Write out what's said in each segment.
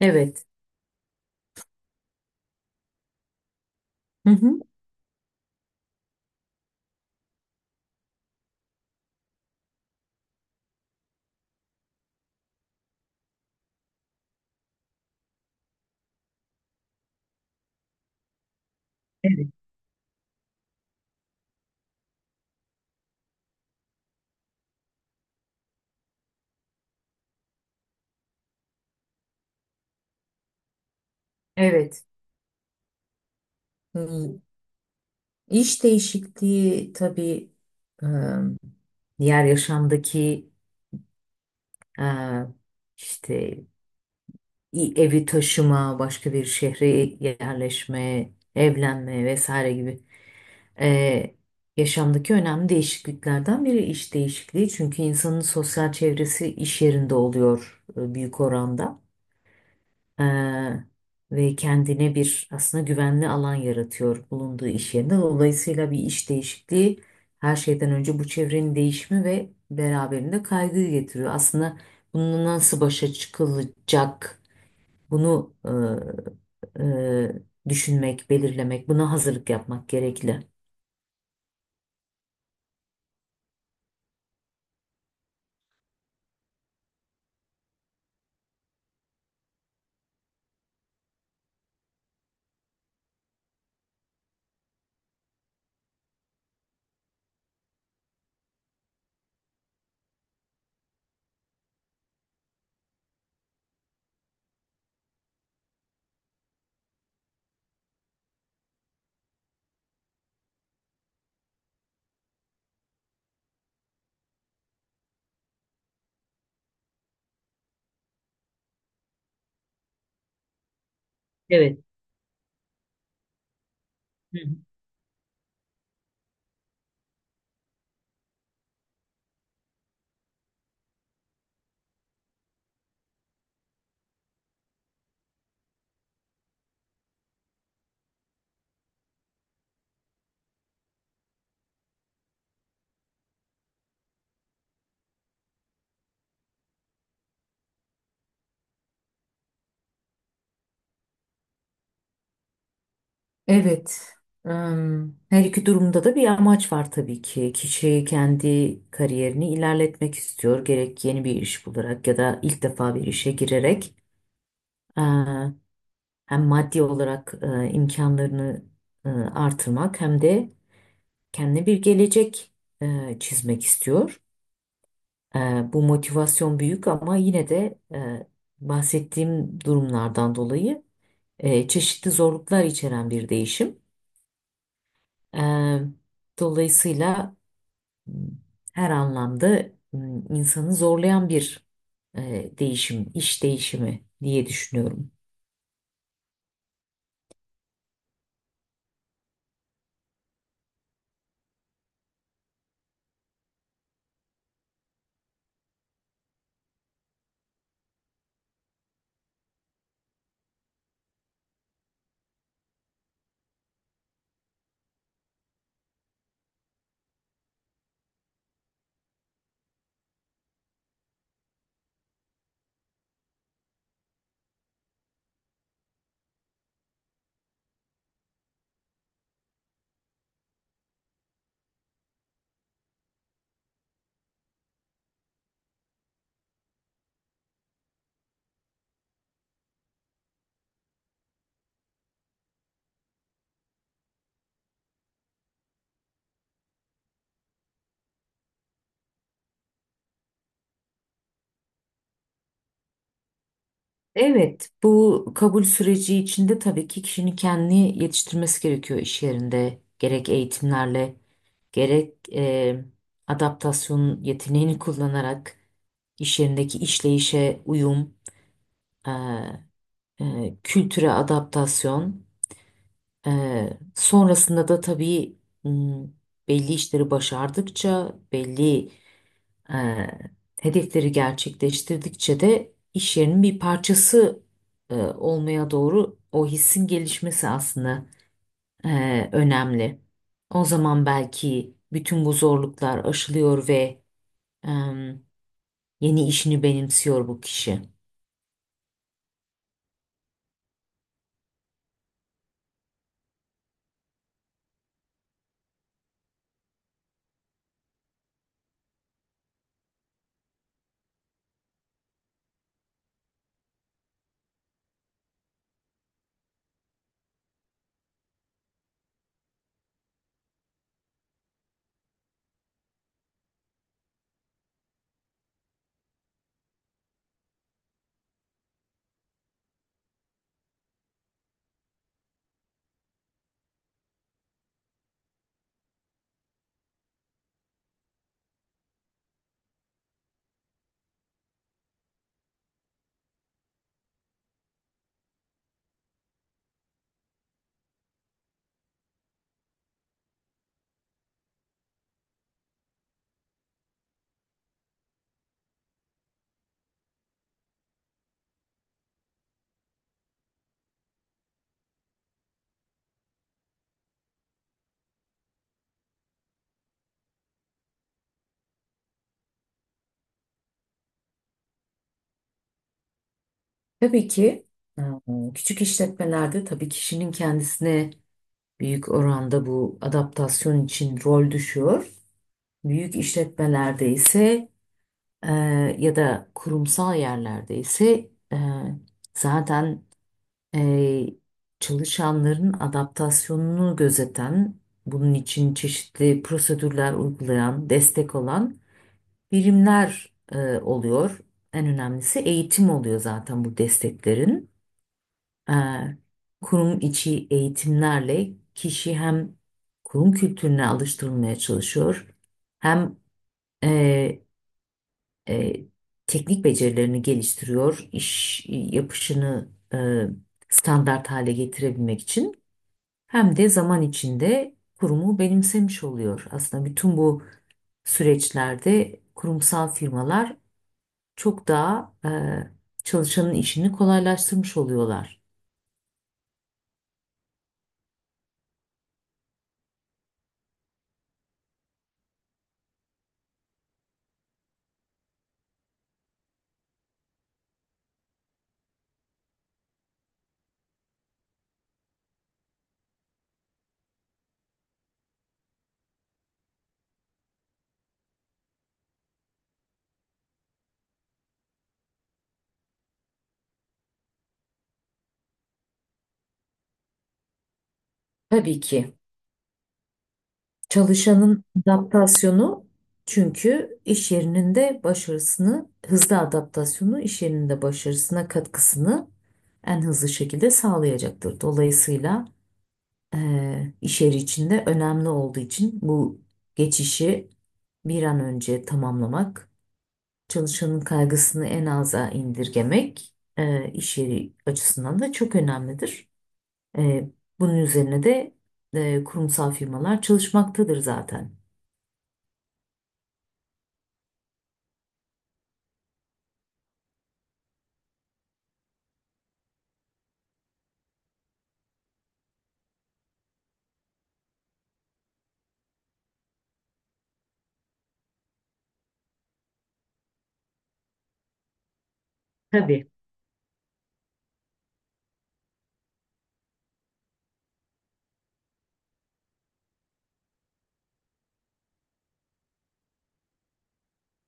Evet. Hı hı. Evet. Evet. Hmm, İş değişikliği tabii e, diğer yaşamdaki e, işte evi taşıma, başka bir şehre yerleşme, evlenme vesaire gibi e, yaşamdaki önemli değişikliklerden biri iş değişikliği. Çünkü insanın sosyal çevresi iş yerinde oluyor büyük oranda. Ee, ve kendine bir aslında güvenli alan yaratıyor bulunduğu iş yerinde. Dolayısıyla bir iş değişikliği her şeyden önce bu çevrenin değişimi ve beraberinde kaygıyı getiriyor. Aslında bununla nasıl başa çıkılacak bunu düşünmek, belirlemek, buna hazırlık yapmak gerekli. Evet. Hı. Evet. Her iki durumda da bir amaç var tabii ki. Kişi kendi kariyerini ilerletmek istiyor. Gerek yeni bir iş bularak ya da ilk defa bir işe girerek e, hem maddi olarak imkanlarını artırmak hem de kendine bir gelecek çizmek istiyor. E, Bu motivasyon büyük ama yine de bahsettiğim durumlardan dolayı çeşitli zorluklar içeren bir değişim. E, Dolayısıyla her anlamda insanı zorlayan bir değişim, iş değişimi diye düşünüyorum. Evet, bu kabul süreci içinde tabii ki kişinin kendini yetiştirmesi gerekiyor iş yerinde. Gerek eğitimlerle, gerek adaptasyon yeteneğini kullanarak iş yerindeki işleyişe uyum, e, kültüre adaptasyon. Sonrasında da tabii m, belli işleri başardıkça, belli e, hedefleri gerçekleştirdikçe de iş yerinin bir parçası olmaya doğru o hissin gelişmesi aslında önemli. O zaman belki bütün bu zorluklar aşılıyor ve e, yeni işini benimsiyor bu kişi. Tabii ki, e, küçük işletmelerde tabii kişinin kendisine büyük oranda bu adaptasyon için rol düşüyor. Büyük işletmelerde ise e, ya da kurumsal yerlerde ise zaten e, çalışanların adaptasyonunu gözeten, bunun için çeşitli prosedürler uygulayan, destek olan birimler oluyor. En önemlisi eğitim oluyor zaten bu desteklerin e, kurum içi eğitimlerle kişi hem kurum kültürüne alıştırılmaya çalışıyor hem e, e, teknik becerilerini geliştiriyor, iş yapışını standart hale getirebilmek için hem de zaman içinde kurumu benimsemiş oluyor. Aslında bütün bu süreçlerde kurumsal firmalar çok daha çalışanın işini kolaylaştırmış oluyorlar. Tabii ki. Çalışanın adaptasyonu, çünkü iş yerinin de başarısını, hızlı adaptasyonu iş yerinin de başarısına katkısını en hızlı şekilde sağlayacaktır. Dolayısıyla iş yeri içinde önemli olduğu için bu geçişi bir an önce tamamlamak, çalışanın kaygısını en aza indirgemek iş yeri açısından da çok önemlidir. Eee, bunun üzerine de kurumsal firmalar çalışmaktadır zaten. Tabii.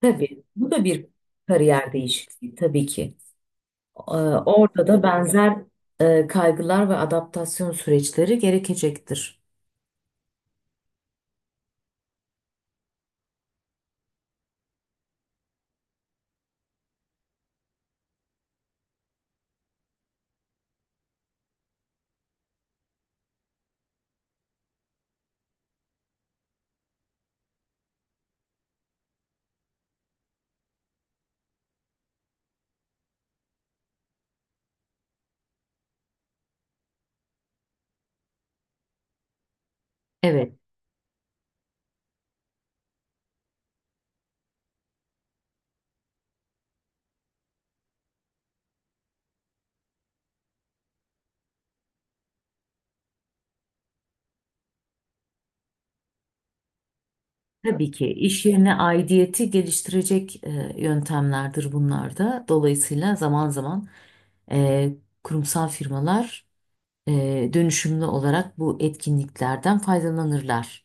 Tabii bu da bir kariyer değişikliği tabii ki. Ee, orada da benzer kaygılar ve adaptasyon süreçleri gerekecektir. Evet, tabii ki iş yerine aidiyeti geliştirecek yöntemlerdir bunlar da. Dolayısıyla zaman zaman e, kurumsal firmalar e, dönüşümlü olarak bu etkinliklerden faydalanırlar.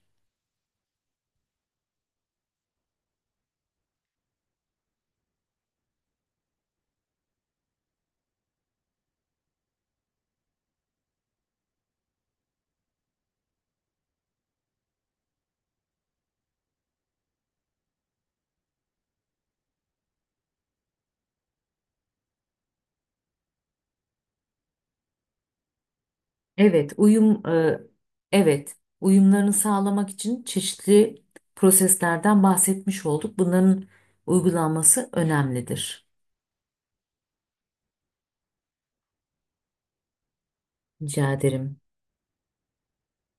Evet, evet, uyumlarını sağlamak için çeşitli proseslerden bahsetmiş olduk. Bunların uygulanması önemlidir. Rica ederim.